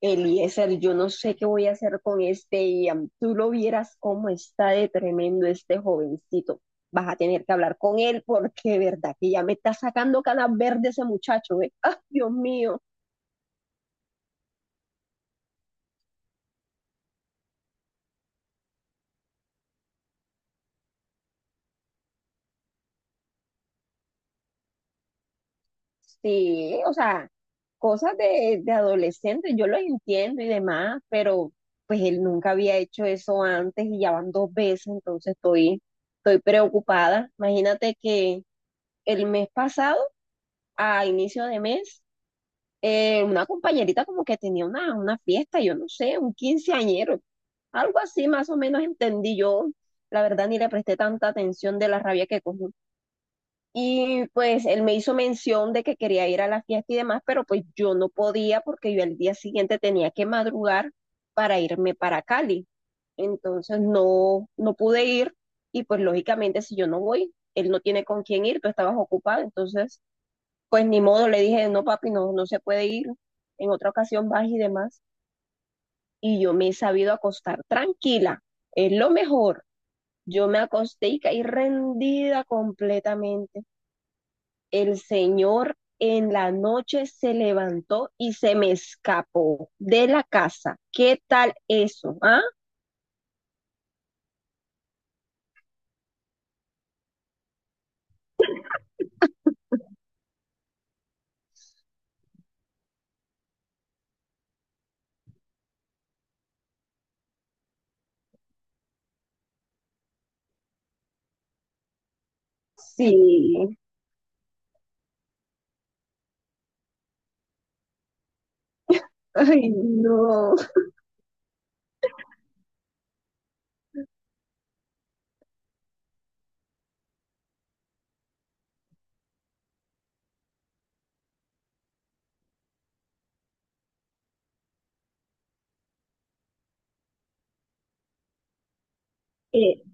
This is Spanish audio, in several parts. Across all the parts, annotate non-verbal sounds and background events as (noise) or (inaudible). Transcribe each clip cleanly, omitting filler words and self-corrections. Eliezer, yo no sé qué voy a hacer con este Ian. Tú lo vieras cómo está de tremendo este jovencito. Vas a tener que hablar con él porque, de verdad, que ya me está sacando canas verdes ese muchacho, ¿eh? (laughs) ¡Ah, Dios mío! Sí, o sea, cosas de adolescente, yo lo entiendo y demás, pero pues él nunca había hecho eso antes y ya van dos veces, entonces estoy preocupada. Imagínate que el mes pasado, a inicio de mes, una compañerita como que tenía una fiesta, yo no sé, un quinceañero, algo así más o menos entendí yo. La verdad ni le presté tanta atención de la rabia que cogí. Y pues él me hizo mención de que quería ir a la fiesta y demás, pero pues yo no podía porque yo el día siguiente tenía que madrugar para irme para Cali. Entonces no, no pude ir y pues lógicamente si yo no voy, él no tiene con quién ir, tú estabas ocupado, entonces pues ni modo, le dije, no, papi, no, no se puede ir. En otra ocasión vas y demás. Y yo me he sabido acostar tranquila. Es lo mejor. Yo me acosté y caí rendida completamente. El Señor en la noche se levantó y se me escapó de la casa. ¿Qué tal eso? ¿Ah? Sí. Ay, no. Eh,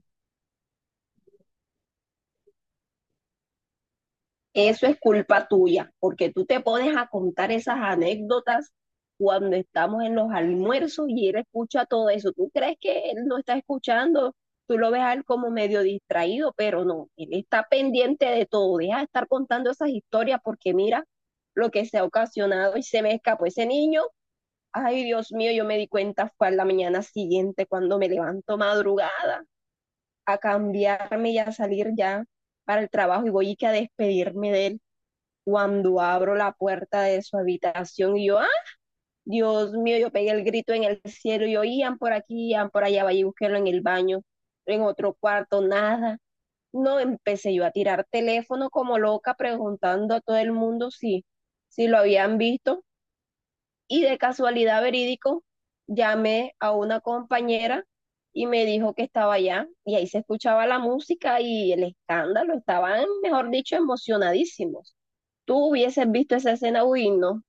Eso es culpa tuya, porque tú te pones a contar esas anécdotas cuando estamos en los almuerzos y él escucha todo eso. Tú crees que él no está escuchando, tú lo ves a él como medio distraído, pero no, él está pendiente de todo. Deja de estar contando esas historias porque mira lo que se ha ocasionado y se me escapó ese niño. Ay, Dios mío, yo me di cuenta fue a la mañana siguiente cuando me levanto madrugada a cambiarme y a salir ya para el trabajo y voy y que a despedirme de él cuando abro la puerta de su habitación y yo, ¡ah! Dios mío, yo pegué el grito en el cielo y yo, iban por aquí, iban por allá, vaya y busquélo en el baño, en otro cuarto, nada. No, empecé yo a tirar teléfono como loca preguntando a todo el mundo si lo habían visto y de casualidad verídico llamé a una compañera y me dijo que estaba allá y ahí se escuchaba la música y el escándalo, estaban, mejor dicho, emocionadísimos, tú hubieses visto esa escena, uy, no.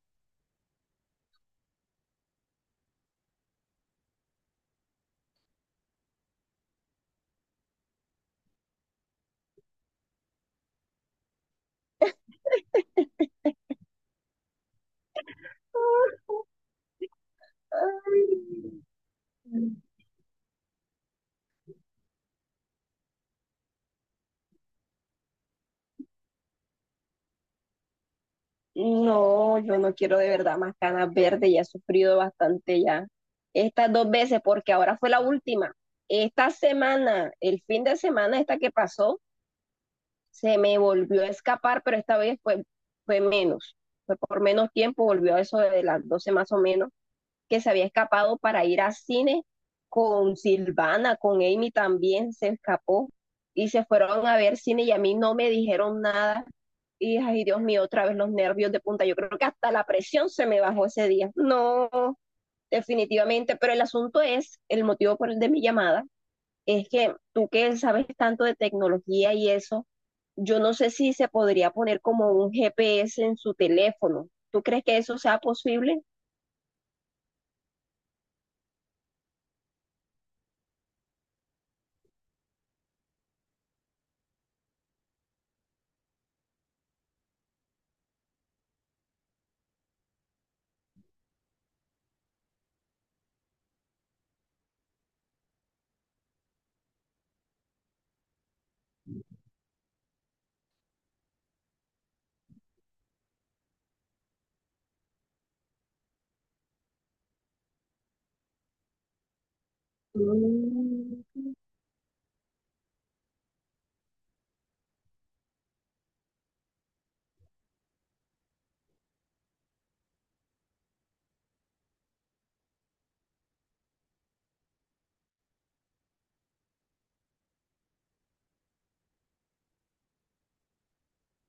No, yo no quiero de verdad más canas verdes, ya he sufrido bastante ya. Estas dos veces, porque ahora fue la última. Esta semana, el fin de semana esta que pasó, se me volvió a escapar, pero esta vez fue, fue menos. Fue por menos tiempo, volvió a eso de las 12 más o menos, que se había escapado para ir a cine con Silvana, con Amy también se escapó y se fueron a ver cine y a mí no me dijeron nada. Y ay, Dios mío, otra vez los nervios de punta. Yo creo que hasta la presión se me bajó ese día. No, definitivamente, pero el asunto es, el motivo por el de mi llamada, es que tú que sabes tanto de tecnología y eso, yo no sé si se podría poner como un GPS en su teléfono. ¿Tú crees que eso sea posible? Mm.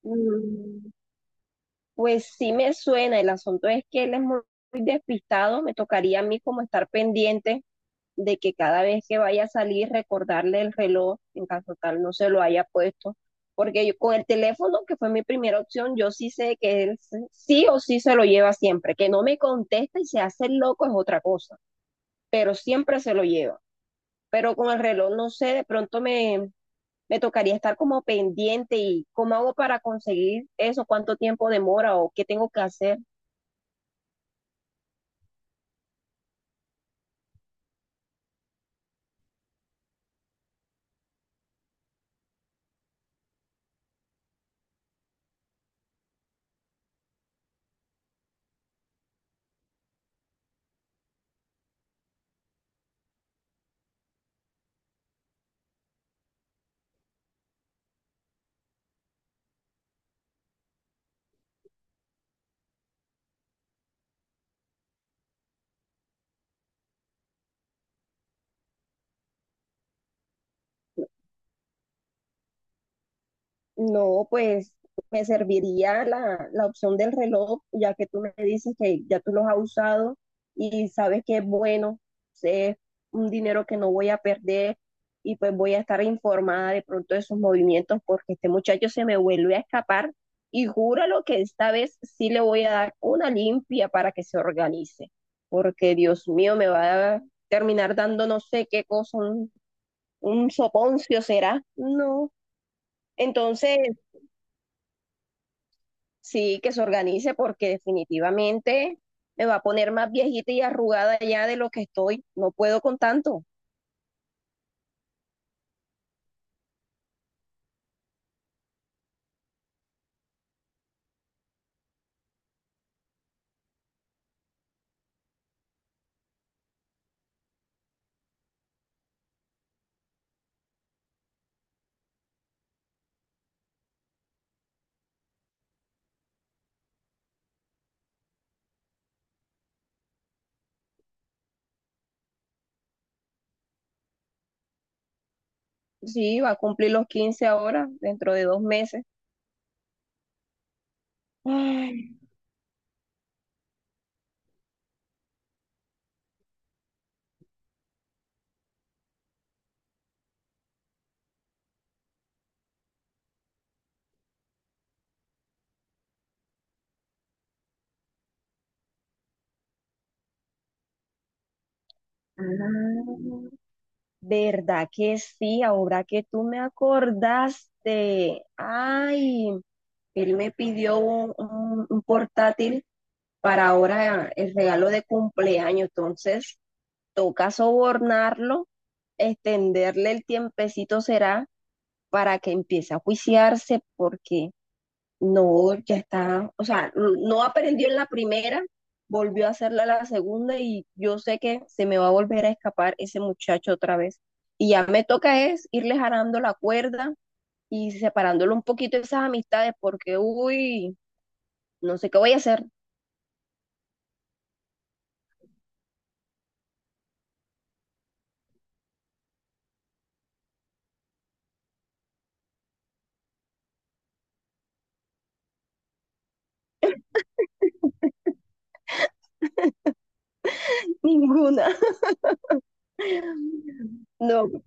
Mm, pues sí me suena, el asunto es que él es muy, muy despistado, me tocaría a mí como estar pendiente de que cada vez que vaya a salir recordarle el reloj, en caso tal no se lo haya puesto, porque yo con el teléfono, que fue mi primera opción, yo sí sé que él sí o sí se lo lleva siempre, que no me contesta y se hace el loco es otra cosa, pero siempre se lo lleva. Pero con el reloj, no sé, de pronto me tocaría estar como pendiente y cómo hago para conseguir eso, cuánto tiempo demora o qué tengo que hacer. No, pues me serviría la opción del reloj, ya que tú me dices que ya tú los has usado y sabes que es bueno, es un dinero que no voy a perder y pues voy a estar informada de pronto de sus movimientos porque este muchacho se me vuelve a escapar y júralo que esta vez sí le voy a dar una limpia para que se organice, porque Dios mío, me va a terminar dando no sé qué cosa, un soponcio será. No. Entonces, sí, que se organice porque definitivamente me va a poner más viejita y arrugada ya de lo que estoy. No puedo con tanto. Sí, va a cumplir los 15 ahora, dentro de 2 meses. Ay, ah, ¿verdad que sí? Ahora que tú me acordaste. Ay, él me pidió un portátil para ahora el regalo de cumpleaños. Entonces, toca sobornarlo, extenderle el tiempecito será para que empiece a juiciarse porque no, ya está, o sea, no aprendió en la primera, volvió a hacerla la segunda y yo sé que se me va a volver a escapar ese muchacho otra vez. Y ya me toca es irle jarando la cuerda y separándolo un poquito de esas amistades porque, uy, no sé qué voy a hacer. (laughs) Ninguna. No,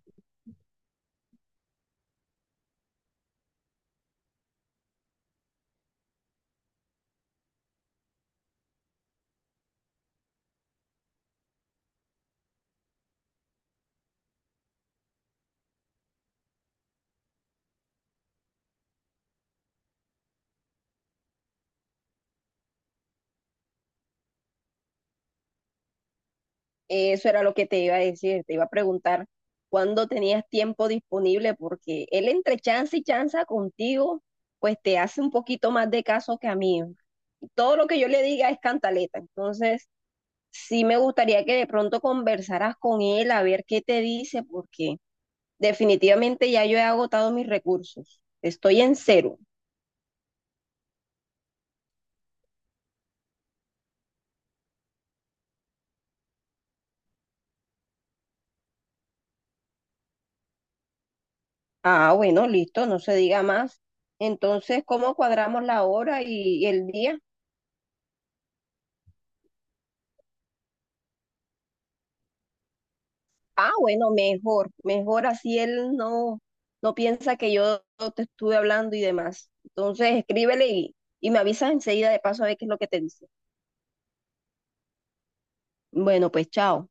eso era lo que te iba a decir, te iba a preguntar cuándo tenías tiempo disponible, porque él entre chance y chanza contigo, pues te hace un poquito más de caso que a mí. Todo lo que yo le diga es cantaleta, entonces sí me gustaría que de pronto conversaras con él a ver qué te dice, porque definitivamente ya yo he agotado mis recursos, estoy en cero. Ah, bueno, listo, no se diga más. Entonces, ¿cómo cuadramos la hora y el día? Ah, bueno, mejor así él no, no piensa que yo te estuve hablando y demás. Entonces, escríbele y me avisas enseguida de paso a ver qué es lo que te dice. Bueno, pues chao.